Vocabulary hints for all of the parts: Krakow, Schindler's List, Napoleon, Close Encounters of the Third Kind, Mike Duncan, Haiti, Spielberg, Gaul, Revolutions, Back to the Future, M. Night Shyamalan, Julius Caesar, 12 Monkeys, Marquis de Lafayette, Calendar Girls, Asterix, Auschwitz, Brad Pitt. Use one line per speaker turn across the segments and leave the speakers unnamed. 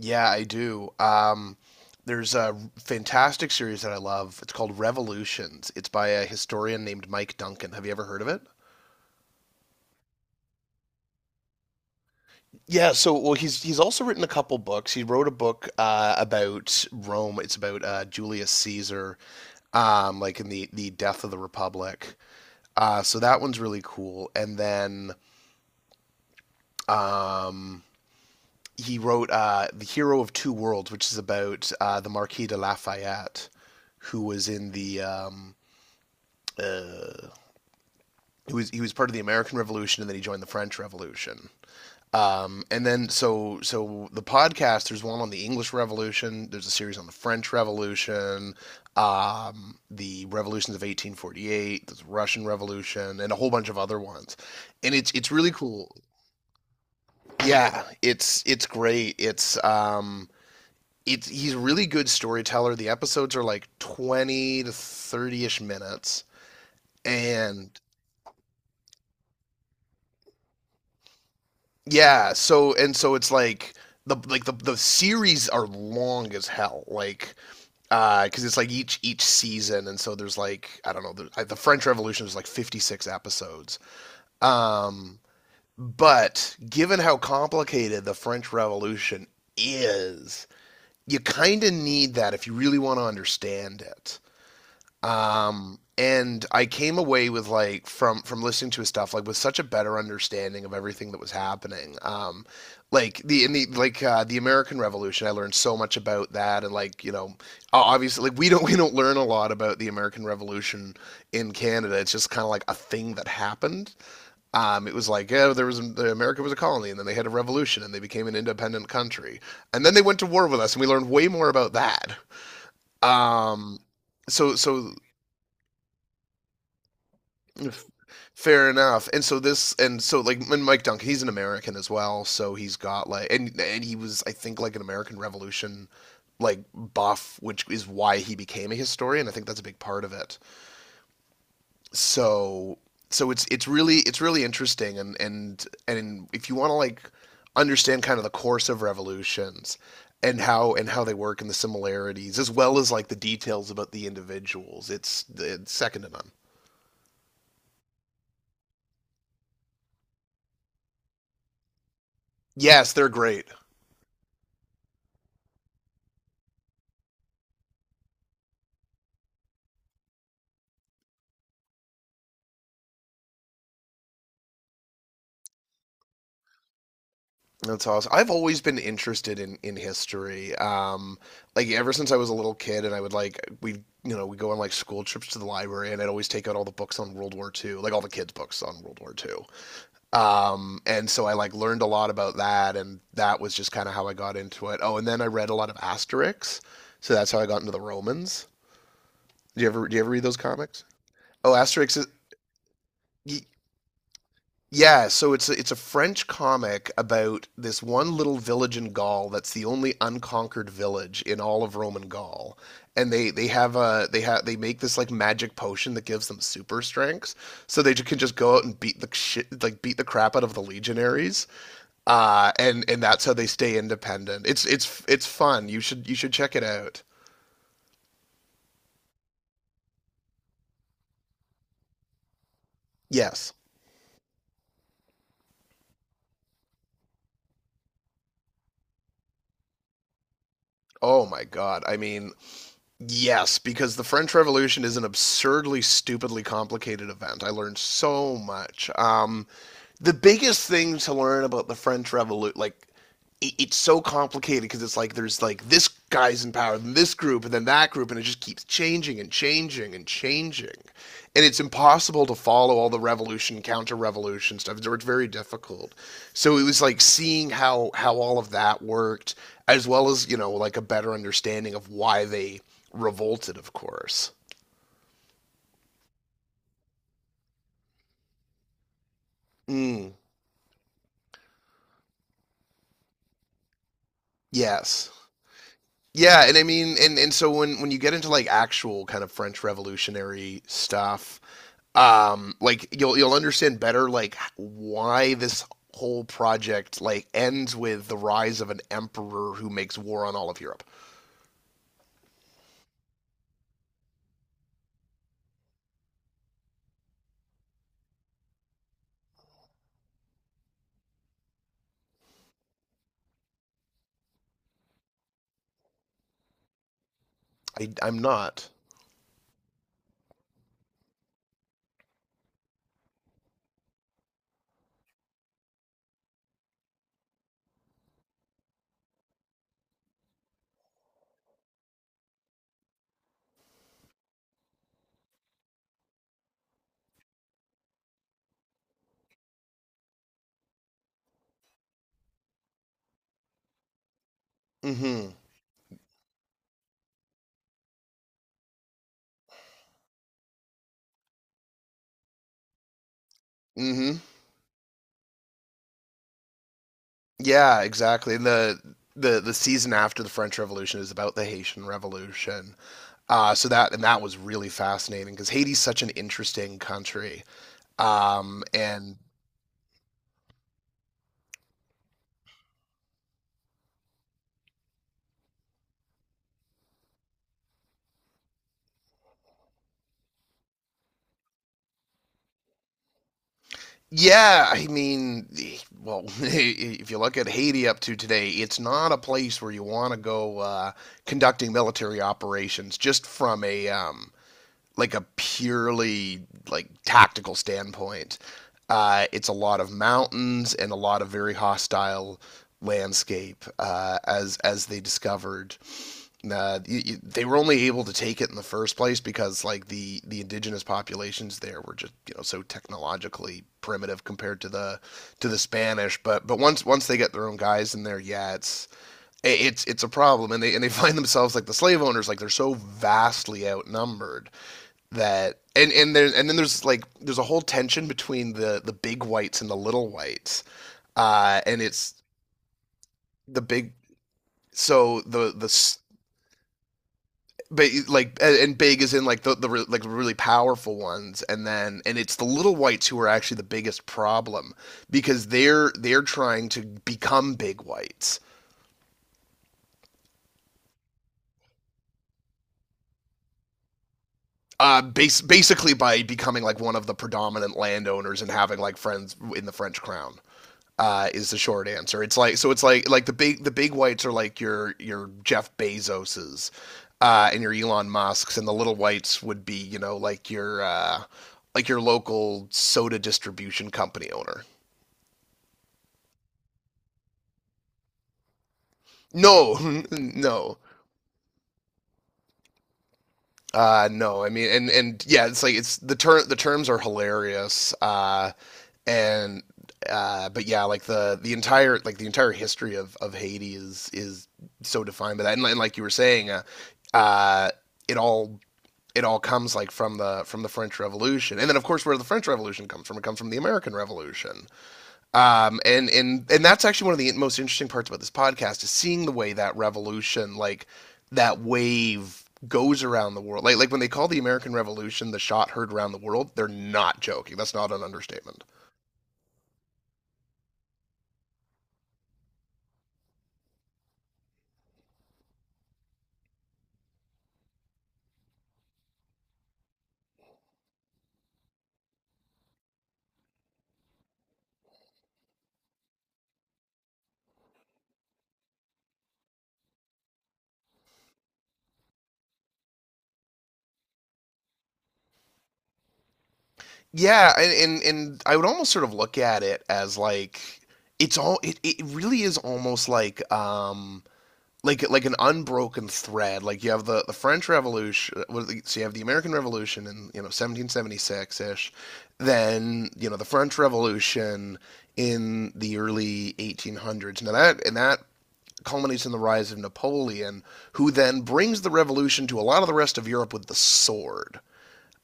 Yeah, I do. There's a fantastic series that I love. It's called Revolutions. It's by a historian named Mike Duncan. Have you ever heard of it? Yeah, so well, he's also written a couple books. He wrote a book about Rome. It's about Julius Caesar, like in the death of the Republic. So that one's really cool. And then um, he wrote The Hero of Two Worlds, which is about the Marquis de Lafayette, who was in the he was part of the American Revolution, and then he joined the French Revolution. And then the podcast, there's one on the English Revolution, there's a series on the French Revolution, the revolutions of 1848, the Russian Revolution, and a whole bunch of other ones. And it's really cool. Yeah, it's great. It's he's a really good storyteller. The episodes are like 20 to 30ish minutes and yeah, so and so it's like the series are long as hell. Like cuz it's like each season, and so there's like I don't know, like the French Revolution is like 56 episodes. Um but given how complicated the French Revolution is, you kind of need that if you really want to understand it. And I came away with like from listening to his stuff like with such a better understanding of everything that was happening. Like the in the like the American Revolution, I learned so much about that, and like you know, obviously like we don't we don't learn a lot about the American Revolution in Canada. It's just kind of like a thing that happened. It was like yeah, there was the America was a colony, and then they had a revolution, and they became an independent country, and then they went to war with us, and we learned way more about that. Um, so so Fair enough. And so this, and so like, and Mike Duncan, he's an American as well, so he's got like, and he was, I think, like an American Revolution like buff, which is why he became a historian. I think that's a big part of it. So so it's really interesting, and and if you want to like understand kind of the course of revolutions and how they work and the similarities as well as like the details about the individuals, it's second to none. Yes, they're great. That's awesome. I've always been interested in history. Like ever since I was a little kid, and I would like we you know we go on like school trips to the library, and I'd always take out all the books on World War II, like all the kids' books on World War II. And so I like learned a lot about that, and that was just kind of how I got into it. Oh, and then I read a lot of Asterix, so that's how I got into the Romans. Do you ever read those comics? Oh, Asterix is y- yeah, so it's a French comic about this one little village in Gaul that's the only unconquered village in all of Roman Gaul. And they have a they have they make this like magic potion that gives them super strength. So they can just go out and beat the shit like beat the crap out of the legionaries. And that's how they stay independent. It's fun. You should check it out. Yes. Oh my God. I mean, yes, because the French Revolution is an absurdly, stupidly complicated event. I learned so much. The biggest thing to learn about the French Revolution, like it's so complicated because it's like there's like this guy's in power, then this group, and then that group, and it just keeps changing and changing and changing, and it's impossible to follow all the revolution, counter-revolution stuff. It's very difficult. So it was like seeing how all of that worked, as well as you know like a better understanding of why they revolted. Of course. Mm, yes. Yeah, and I mean, and so when you get into like actual kind of French Revolutionary stuff, like you'll understand better like why this whole project like ends with the rise of an emperor who makes war on all of Europe. I'm not. Mm-hmm. Mm-hmm. Yeah, exactly. And the season after the French Revolution is about the Haitian Revolution. So that and that was really fascinating because Haiti's such an interesting country. And Yeah, I mean, well, if you look at Haiti up to today, it's not a place where you want to go conducting military operations just from a like a purely like tactical standpoint, it's a lot of mountains and a lot of very hostile landscape as they discovered. They were only able to take it in the first place because like the indigenous populations there were just you know so technologically primitive compared to the Spanish. But once they get their own guys in there, yeah, it's a problem, and they find themselves like the slave owners, like they're so vastly outnumbered, that and there's and then there's like there's a whole tension between the big whites and the little whites. Uh and it's the big so the but like and Big is in like the like really powerful ones, and it's the little whites who are actually the biggest problem because they're trying to become big whites, base basically by becoming like one of the predominant landowners and having like friends in the french crown is the short answer. It's like so. It's like the big whites are like your Jeff Bezoses and your Elon Musk's, and the little whites would be you know like your local soda distribution company owner. No, no, no. I mean, and yeah, it's like it's the terms are hilarious. And But yeah, like the entire history of Haiti is so defined by that, and like you were saying, uh, it all it all comes like from the French Revolution, and then of course where the French Revolution comes from, it comes from the American Revolution. And that's actually one of the most interesting parts about this podcast is seeing the way that revolution, like that wave, goes around the world. Like when they call the American Revolution the shot heard around the world, they're not joking. That's not an understatement. Yeah, and I would almost sort of look at it as like it's all it really is almost like an unbroken thread. Like you have the French Revolution, so you have the American Revolution in you know 1776 ish, then you know the French Revolution in the early 1800s. Now that and that culminates in the rise of Napoleon, who then brings the revolution to a lot of the rest of Europe with the sword,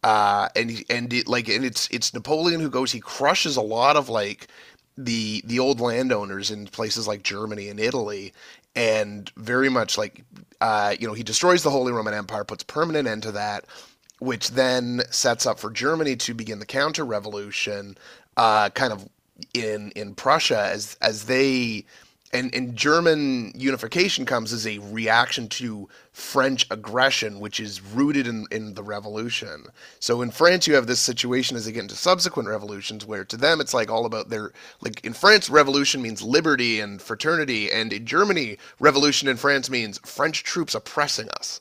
and it, like and it's Napoleon who goes. He crushes a lot of like the old landowners in places like Germany and Italy, and very much like you know he destroys the Holy Roman Empire, puts permanent end to that, which then sets up for Germany to begin the counter revolution, kind of in Prussia as they and German unification comes as a reaction to French aggression, which is rooted in the revolution. So in France, you have this situation as they get into subsequent revolutions, where to them it's like all about their like in France, revolution means liberty and fraternity, and in Germany, revolution in France means French troops oppressing us.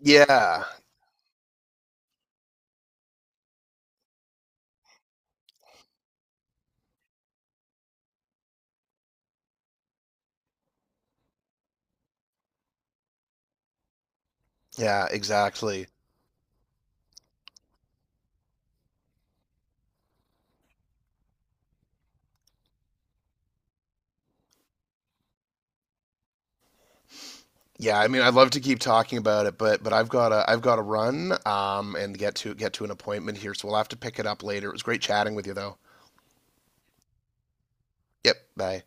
Yeah, yeah, exactly. Yeah, I mean, I'd love to keep talking about it, but I've got to run and get to an appointment here, so we'll have to pick it up later. It was great chatting with you though. Yep, bye.